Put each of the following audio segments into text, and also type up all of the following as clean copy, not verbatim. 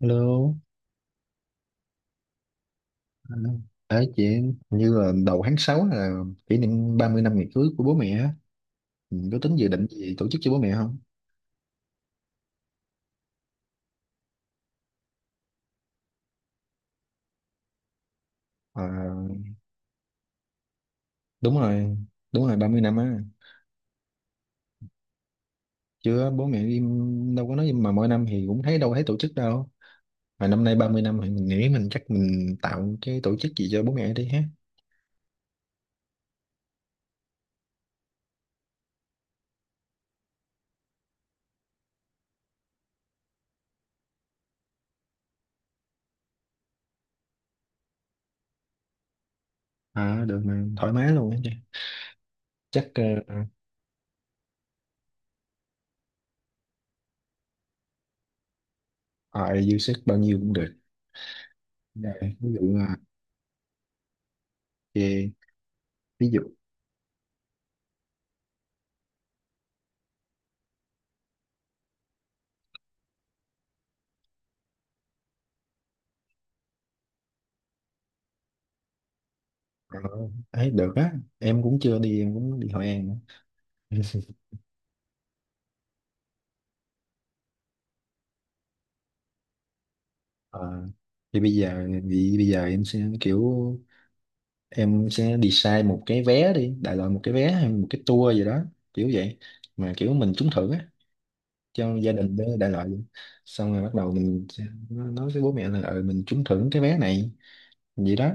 Hello. À, đấy chị hình như là đầu tháng 6 là kỷ niệm 30 năm ngày cưới của bố mẹ á. Mình có tính dự định gì tổ chức cho bố mẹ không? À, đúng rồi, đúng rồi, 30 năm á. Chưa, bố mẹ im đâu có nói mà mỗi năm thì cũng thấy đâu thấy tổ chức đâu. Mà năm nay 30 năm thì mình nghĩ mình chắc mình tạo cái tổ chức gì cho bố mẹ đi ha. À, được mà thoải mái luôn á chị. Chắc dư sức bao nhiêu cũng được. Rồi, ví dụ là về- ví dụ ờ, ấy được á, em cũng chưa đi em cũng đi Hội An nữa. Ờ, thì bây giờ em sẽ kiểu em sẽ design một cái vé đi, đại loại một cái vé hay một cái tour gì đó kiểu vậy, mà kiểu mình trúng thưởng á cho gia đình đó, đại loại vậy. Xong rồi bắt đầu mình sẽ nói với bố mẹ là ừ, mình trúng thưởng cái vé này vậy đó,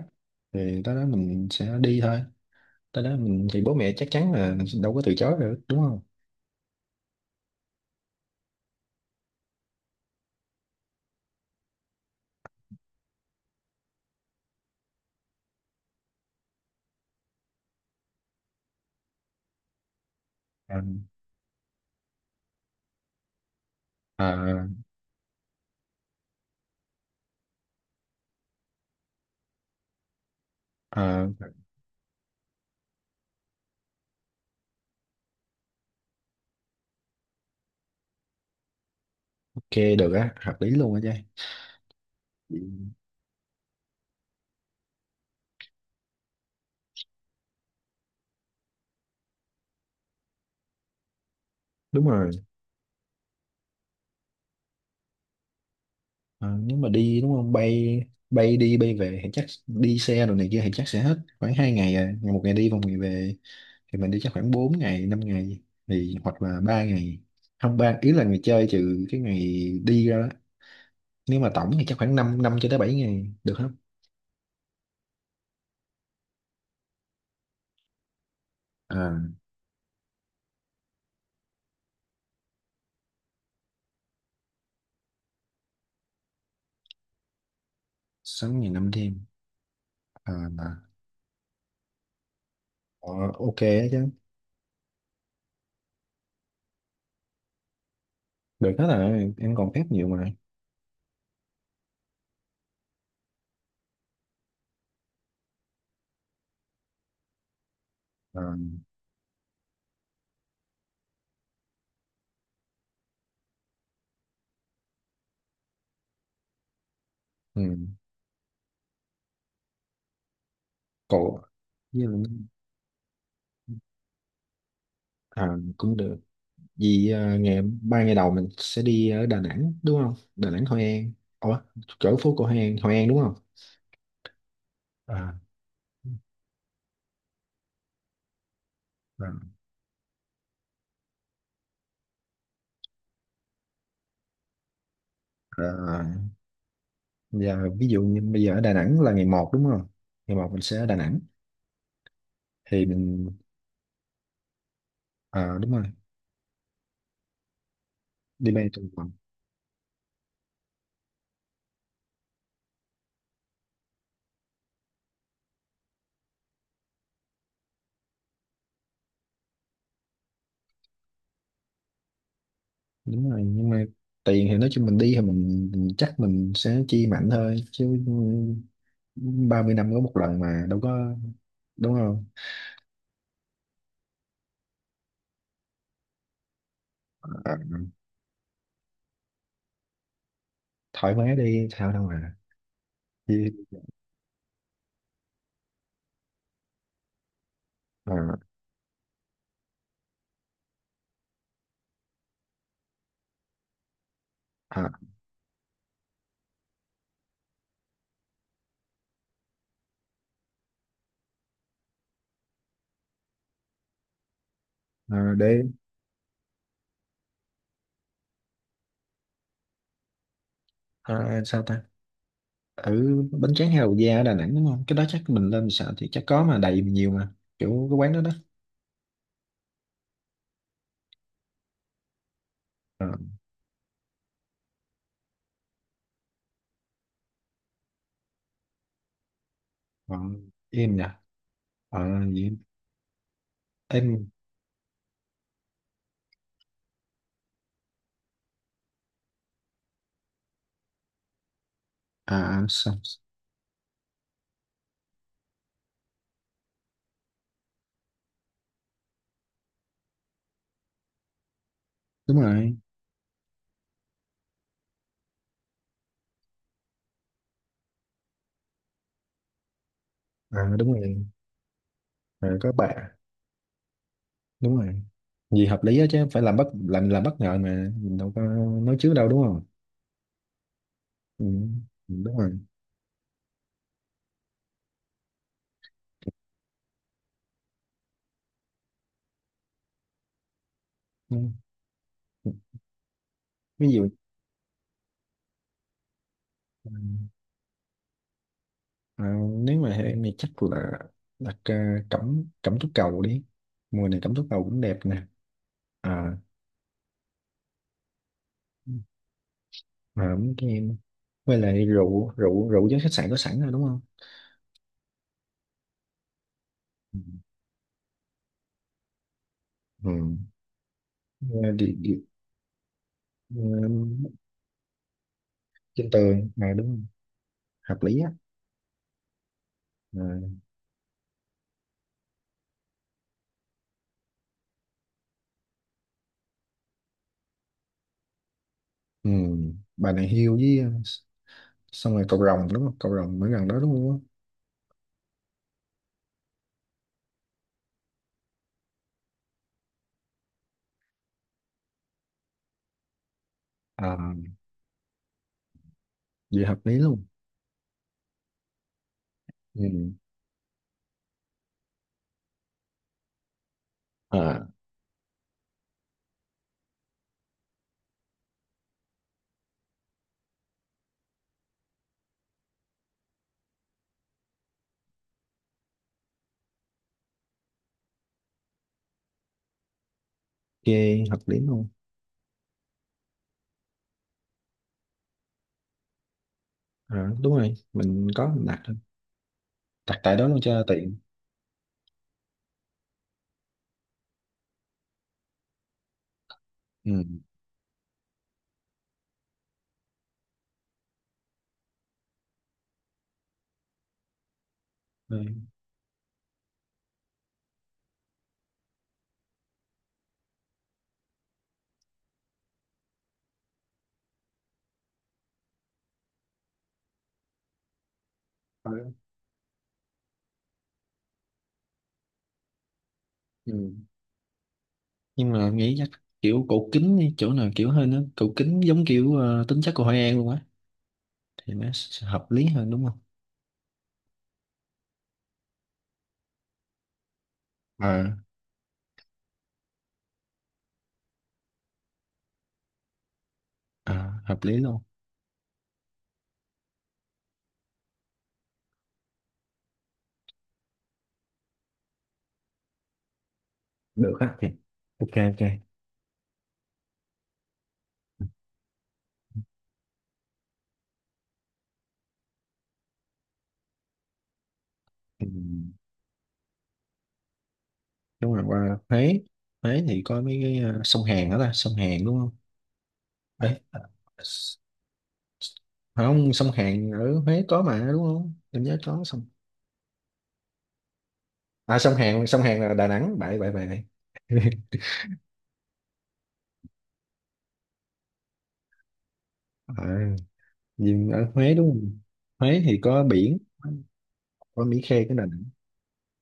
rồi tới đó mình sẽ đi thôi. Tới đó mình thì bố mẹ chắc chắn là đâu có từ chối được, đúng không? Ờ, ờ, ờ, ok, được á, hợp lý luôn á trai. Đúng rồi. Ờ, Nếu mà đi đúng không, bay bay đi bay về thì chắc đi xe rồi này kia thì chắc sẽ hết khoảng 2 ngày, à ngày, một ngày đi và một ngày về, thì mình đi chắc khoảng 4 ngày 5 ngày, thì hoặc là 3 ngày, không ba ý là ngày chơi trừ cái ngày đi ra đó, nếu mà tổng thì chắc khoảng 5 năm năm cho tới 7 ngày được không? À, 6 ngày 5 đêm. À mà ờ, ok đó chứ. Được hết rồi, em còn phép nhiều mà. À, ừ. Cậu với- à, cũng được. Vì ba ngày đầu mình sẽ đi ở Đà Nẵng đúng không? Đà Nẵng, Hội An. Ủa, chỗ phố cổ Hội An, Hội An đúng không? à, Vâng. À, giờ ví dụ như bây giờ ở Đà Nẵng là ngày một đúng không? Ngày một mình sẽ ở Đà Nẵng, thì mình đúng rồi, đi bay từ vòng. Đúng rồi, nhưng mà tiền thì nói chung mình đi thì mình chắc mình sẽ chi mạnh thôi chứ, 30 năm có một lần mà đâu có, đúng không? À, thoải mái đi sao đâu mà. Thì, à, à, để. Ờ, Sao ta, ở bánh tráng hay Hậu Gia ở Đà Nẵng đúng không? Cái đó chắc mình lên sợ thì chắc có mà đầy nhiều mà, kiểu cái quán đó đó. Ờ, Còn em nhỉ. Ờ gì em à à, sao. Đúng rồi. Đúng rồi. Có bà. Đúng rồi, gì hợp lý á, chứ phải làm bất ngờ mà mình đâu có nói trước đâu, đúng không? Ừ, ừ, đúng rồi. Ừ. Ví dụ, ừ, à, nếu mà em thì chắc là đặt, cẩm cẩm tú cầu đi, mùa này cẩm tú cầu cũng đẹp nè. À mà ấm cho em, với lại rượu rượu rượu với khách sạn có sẵn rồi đúng không? Ừ. Ừ. Ờ, Đi, đi, ờ, trên tường à đúng không? Hợp lý á. À. Ừ. Bà này hiêu với, xong rồi cậu rồng đúng không, cậu rồng mới gần đó đúng không? à, Vậy hợp lý luôn. Ừ. à, ok. Hợp lý luôn. Đúng rồi, mình có mình đặt thôi. Đặt tại đó luôn cho tiện. Ừ. Ừ. Ừ. Nhưng mà nghĩ chắc kiểu cổ kính đi, chỗ nào kiểu hơn á, cổ kính giống kiểu tính chất của Hội An luôn á, thì nó sẽ hợp lý hơn đúng không? Ờ. À, hợp lý luôn. Được á, thì ok ok. Ừ. Đúng rồi, qua Huế. Huế thì có mấy cái sông Hàn đó ta, sông Hàn đúng không? Đấy. Không, sông Hàn ở Huế có mà đúng không, em nhớ có sông. À, sông Hàn, sông Hàn là Đà Nẵng, bậy bậy bậy bậy. à, nhưng ở Huế đúng không? Huế thì có biển, có Mỹ Khê, cái Đà Nẵng.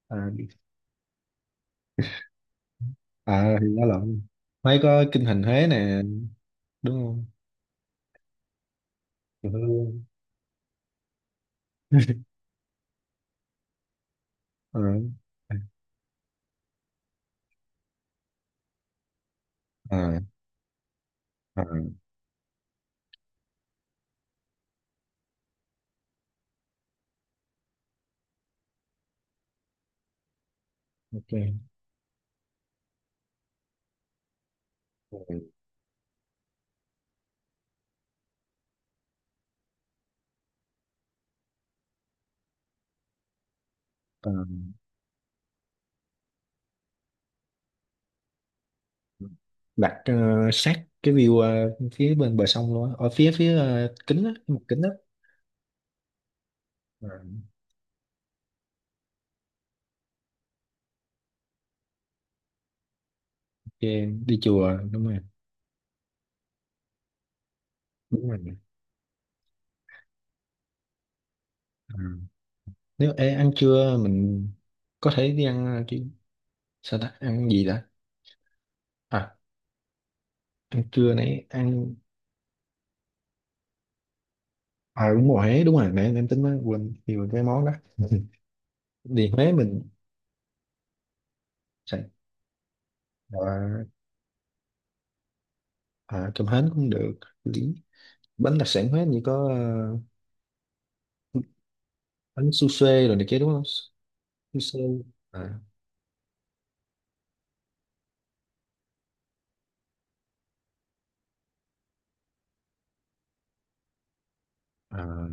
à, thì nó lộn. Huế có kinh thành Huế nè đúng không? Ừ. ờ ờ ờ ok. Rồi, ờ, đặt sát cái view, phía bên bờ sông luôn á, ở phía phía kính á, cái mặt kính á. ờ, ok. Đi chùa đúng rồi. Đúng rồi. ờ, Nếu ăn trưa mình có thể đi ăn, chứ sao ta, ăn gì đã. À, ăn trưa nãy ăn. Đúng rồi, Huế đúng rồi, nãy em tính mới quên nhiều cái món đó, đi Huế mình sẽ. à, Cơm hến cũng được lý. Bánh đặc sản Huế như có, bánh su xê rồi này kia đúng không? Su xê. à, À,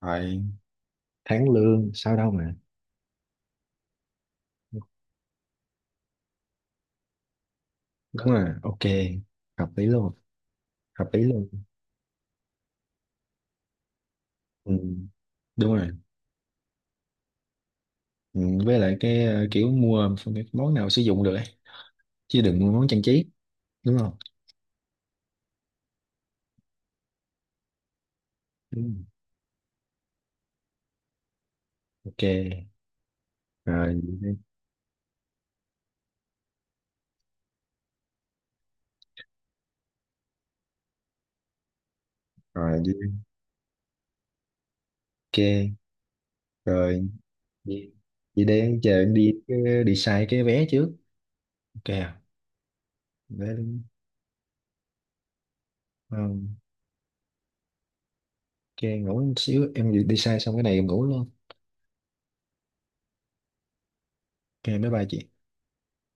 phải, tháng lương sao đâu mà. Đúng rồi. Ok, hợp lý luôn. Hợp lý luôn. Ừ, đúng rồi. Ừ, với lại cái kiểu mua cái món nào sử dụng được ấy, chứ đừng mua món trang trí đúng không? Ừ. Ok. Rồi đi. Rồi đi. Ok. Rồi, vậy vậy để chờ em đi, đi xài cái vé trước. Ok. Vé đi. Ờ, ok, ngủ một xíu, em đi đi xài xong cái này em ngủ luôn. Ok, bye bye chị.